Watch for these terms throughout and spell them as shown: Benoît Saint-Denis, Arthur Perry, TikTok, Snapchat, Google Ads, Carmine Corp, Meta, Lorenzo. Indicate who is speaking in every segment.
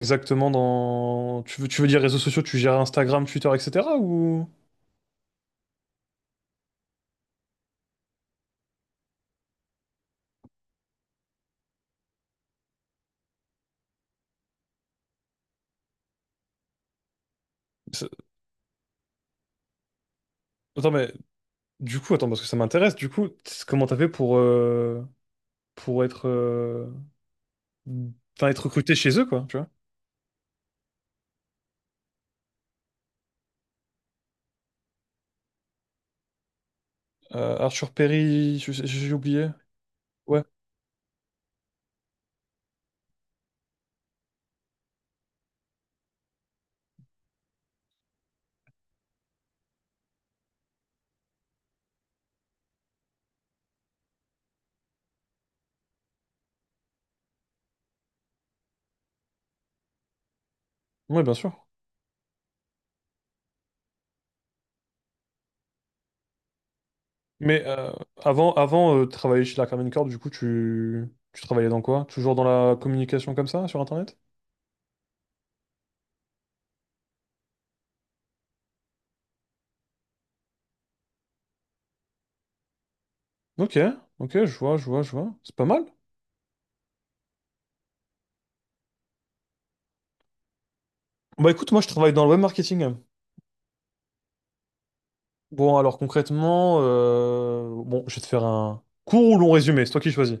Speaker 1: Exactement dans. Tu veux dire réseaux sociaux, tu gères Instagram, Twitter, etc., ou. C'est- Attends, mais du coup, attends, parce que ça m'intéresse, du coup, comment t'as fait pour être, enfin, être recruté chez eux, quoi, tu vois? Arthur Perry, j'ai oublié. Ouais, ouais, bien sûr. Mais avant, avant, de travailler chez la Carmine Corp, du coup, tu travaillais dans quoi? Toujours dans la communication comme ça, sur Internet? Ok, ok, je vois, je vois, je vois. C'est pas mal. Bah, écoute, moi, je travaille dans le web marketing, hein. Bon, alors concrètement, bon, je vais te faire un court ou long résumé, c'est toi qui choisis.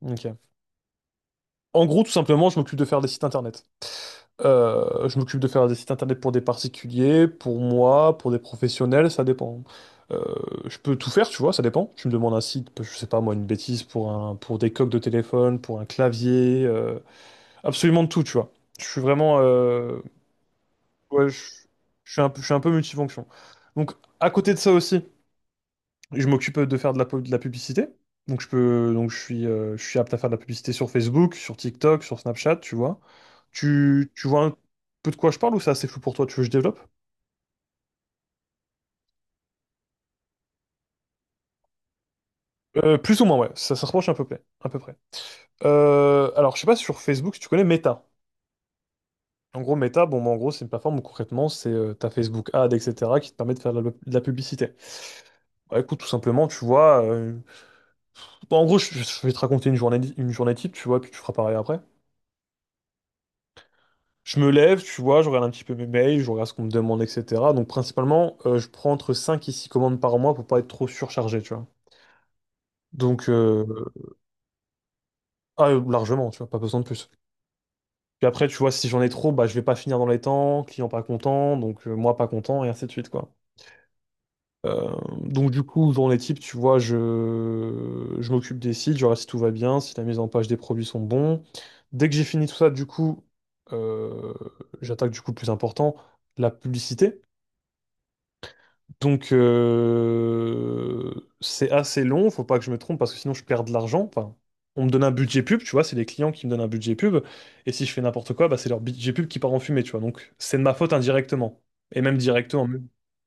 Speaker 1: Ok. En gros, tout simplement, je m'occupe de faire des sites internet. Je m'occupe de faire des sites internet pour des particuliers, pour moi, pour des professionnels, ça dépend. Euh, je peux tout faire, tu vois, ça dépend. Tu me demandes un site, je sais pas moi, une bêtise pour des coques de téléphone, pour un clavier, absolument de tout, tu vois. Je suis vraiment, ouais, je suis un peu multifonction. Donc, à côté de ça aussi, je m'occupe de faire de la publicité. Donc je peux, donc je suis apte à faire de la publicité sur Facebook, sur TikTok, sur Snapchat, tu vois. Tu vois un peu de quoi je parle, ou c'est assez flou pour toi? Tu veux que je développe? Plus ou moins, ouais. Ça se rapproche à peu près. À peu près. Alors, je sais pas, si sur Facebook, si tu connais Meta. En gros, Meta, bon, bah, en gros, c'est une plateforme où concrètement, c'est ta Facebook Ad, etc., qui te permet de faire de la publicité. Bah, écoute, tout simplement, tu vois. Bah, en gros, je vais te raconter une journée type, tu vois, puis tu feras pareil après. Je me lève, tu vois, je regarde un petit peu mes mails, je regarde ce qu'on me demande, etc. Donc principalement, je prends entre 5 et 6 commandes par mois pour pas être trop surchargé, tu vois. Donc, ah, largement, tu vois, pas besoin de plus. Puis après, tu vois, si j'en ai trop, bah, je vais pas finir dans les temps, client pas content, donc moi pas content, et ainsi de suite, quoi. Donc, du coup, dans les types, tu vois, je m'occupe des sites, je regarde si tout va bien, si la mise en page des produits sont bons. Dès que j'ai fini tout ça, du coup, euh, j'attaque du coup le plus important, la publicité. Donc, c'est assez long, faut pas que je me trompe parce que sinon je perds de l'argent. Enfin, on me donne un budget pub, tu vois, c'est les clients qui me donnent un budget pub. Et si je fais n'importe quoi, bah, c'est leur budget pub qui part en fumée, tu vois. Donc, c'est de ma faute indirectement. Et même directement. Même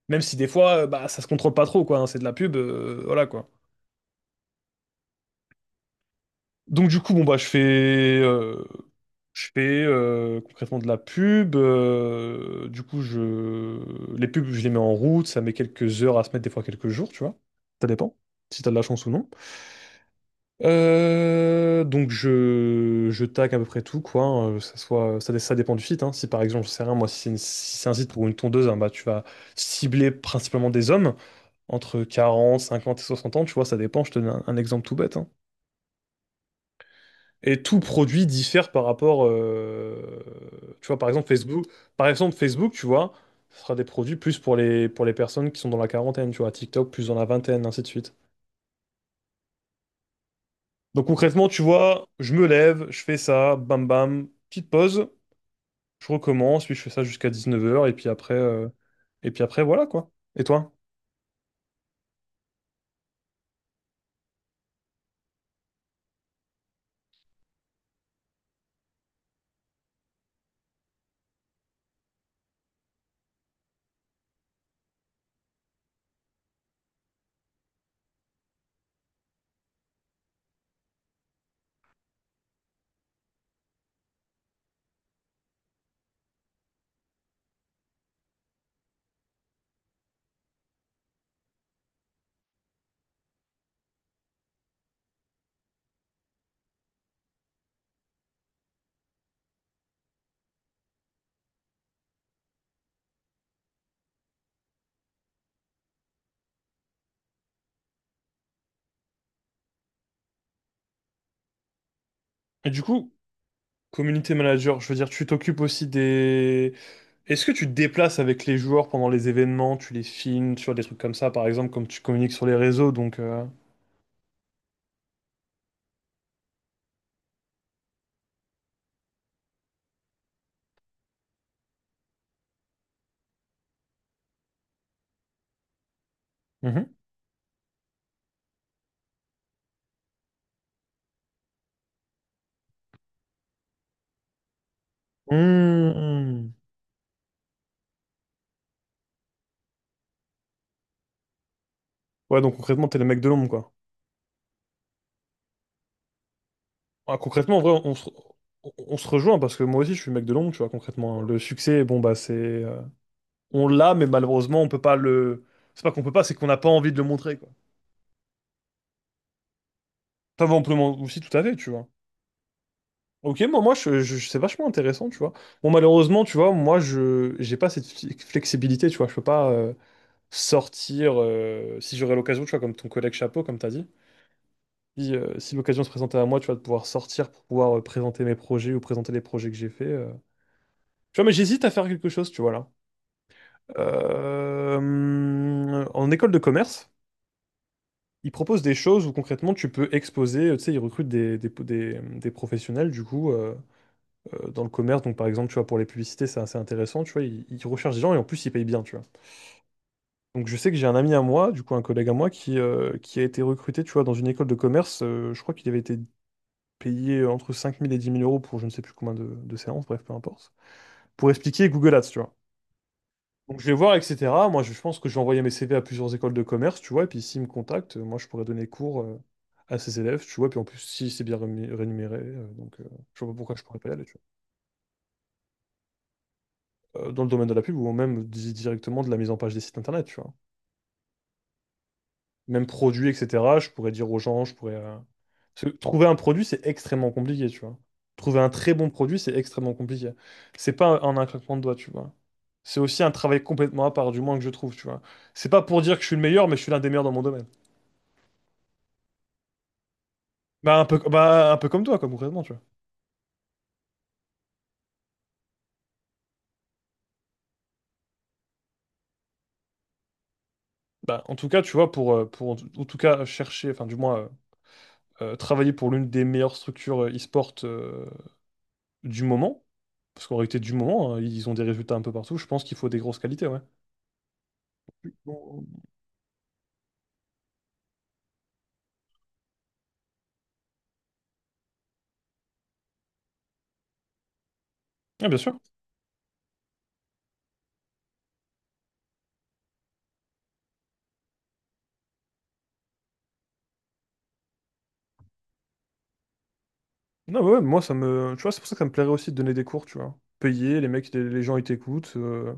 Speaker 1: même si des fois, bah, ça se contrôle pas trop, quoi. Hein, c'est de la pub, voilà, quoi. Donc, du coup, bon, bah, je fais concrètement de la pub. Du coup, je... les pubs, je les mets en route. Ça met quelques heures à se mettre, des fois quelques jours, tu vois. Ça dépend, si t'as de la chance ou non. Donc, je tag à peu près tout, quoi. Hein, que ça soit. Ça dépend du site. Hein. Si par exemple, je sais rien, moi, si c'est un site pour une tondeuse, hein, bah, tu vas cibler principalement des hommes entre 40, 50 et 60 ans, tu vois. Ça dépend. Je te donne un exemple tout bête. Hein. Et tout produit diffère par rapport, tu vois, par exemple Facebook, tu vois, ce sera des produits plus pour les personnes qui sont dans la quarantaine, tu vois, TikTok plus dans la vingtaine, ainsi de suite. Donc concrètement, tu vois, je me lève, je fais ça, bam bam, petite pause, je recommence, puis je fais ça jusqu'à 19h, et puis après, voilà quoi. Et toi? Et du coup, community manager, je veux dire, tu t'occupes aussi des. Est-ce que tu te déplaces avec les joueurs pendant les événements, tu les filmes, tu vois, des trucs comme ça, par exemple, comme tu communiques sur les réseaux, donc. Mhm. Mhm. Ouais, donc concrètement, t'es le mec de l'ombre, quoi. Ah, concrètement, en vrai, on se rejoint, parce que moi aussi, je suis le mec de l'ombre, tu vois, concrètement. Hein. Le succès, bon, bah, c'est, on l'a, mais malheureusement, on peut pas le. C'est pas qu'on peut pas, c'est qu'on n'a pas envie de le montrer, quoi. Enfin, bon, on peut le montrer aussi, tout à fait, tu vois. Ok, moi, c'est vachement intéressant, tu vois. Bon, malheureusement, tu vois, moi, je j'ai pas cette flexibilité, tu vois. Je peux pas sortir, si j'aurais l'occasion, tu vois, comme ton collègue chapeau, comme tu as dit, si l'occasion se présentait à moi, tu vois, de pouvoir sortir pour pouvoir présenter mes projets ou présenter les projets que j'ai faits. Tu vois, mais j'hésite à faire quelque chose, tu vois, là. En école de commerce, ils proposent des choses où concrètement tu peux exposer, tu sais, ils recrutent des professionnels, du coup, dans le commerce. Donc, par exemple, tu vois, pour les publicités, c'est assez intéressant, tu vois, ils recherchent des gens, et en plus, ils payent bien, tu vois. Donc je sais que j'ai un ami à moi, du coup un collègue à moi, qui a été recruté, tu vois, dans une école de commerce. Je crois qu'il avait été payé entre 5 000 et 10 000 euros pour je ne sais plus combien de séances, bref, peu importe. Pour expliquer Google Ads, tu vois. Donc je vais voir, etc. Moi, je pense que je vais envoyer mes CV à plusieurs écoles de commerce, tu vois, et puis s'ils me contactent, moi, je pourrais donner cours à ces élèves, tu vois, puis en plus, si c'est bien rémunéré, je vois pas pourquoi je pourrais pas y aller, tu vois. Dans le domaine de la pub, ou même directement de la mise en page des sites internet, tu vois. Même produit, etc., je pourrais dire aux gens, je pourrais. Parce que trouver un produit, c'est extrêmement compliqué, tu vois. Trouver un très bon produit, c'est extrêmement compliqué. C'est pas en un claquement de doigts, tu vois. C'est aussi un travail complètement à part, du moins que je trouve, tu vois. C'est pas pour dire que je suis le meilleur, mais je suis l'un des meilleurs dans mon domaine. Bah, un peu comme toi, quoi, concrètement, tu vois. Bah, en tout cas, tu vois, pour en tout cas chercher, enfin, du moins, travailler pour l'une des meilleures structures e-sport du moment, parce qu'en réalité, du moment, hein, ils ont des résultats un peu partout, je pense qu'il faut des grosses qualités, ouais. Bon. Ah, bien sûr. Non, ouais, ouais, moi, ça me. Tu vois, c'est pour ça que ça me plairait aussi de donner des cours, tu vois. Payer, les mecs, les gens, ils t'écoutent.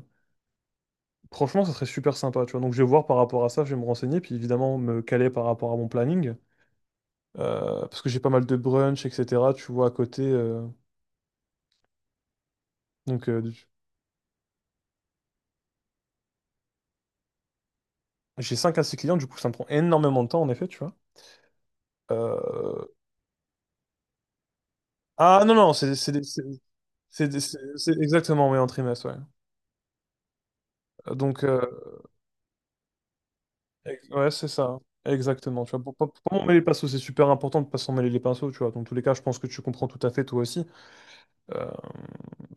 Speaker 1: Franchement, ça serait super sympa, tu vois. Donc, je vais voir par rapport à ça, je vais me renseigner, puis évidemment, me caler par rapport à mon planning. Parce que j'ai pas mal de brunch, etc., tu vois, à côté. Donc, j'ai 5 à 6 clients, du coup, ça me prend énormément de temps, en effet, tu vois. Euh, Ah, non, non, c'est exactement, mais en trimestre, ouais. Donc, ouais, c'est ça. Exactement. Tu vois, pour pas m'emmêler les pinceaux, c'est super important de pas s'en mêler les pinceaux, tu vois. Dans tous les cas, je pense que tu comprends tout à fait, toi aussi. Euh,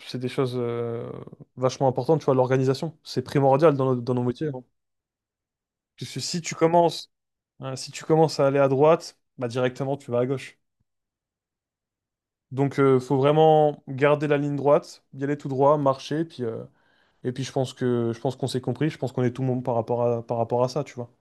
Speaker 1: c'est des choses vachement importantes, tu vois, l'organisation. C'est primordial dans nos, métiers. Hein. Parce que si tu commences, hein, si tu commences à aller à droite, bah directement, tu vas à gauche. Donc, faut vraiment garder la ligne droite, y aller tout droit, marcher, et puis je pense qu'on s'est compris, je pense qu'on est tout le monde par rapport à ça, tu vois.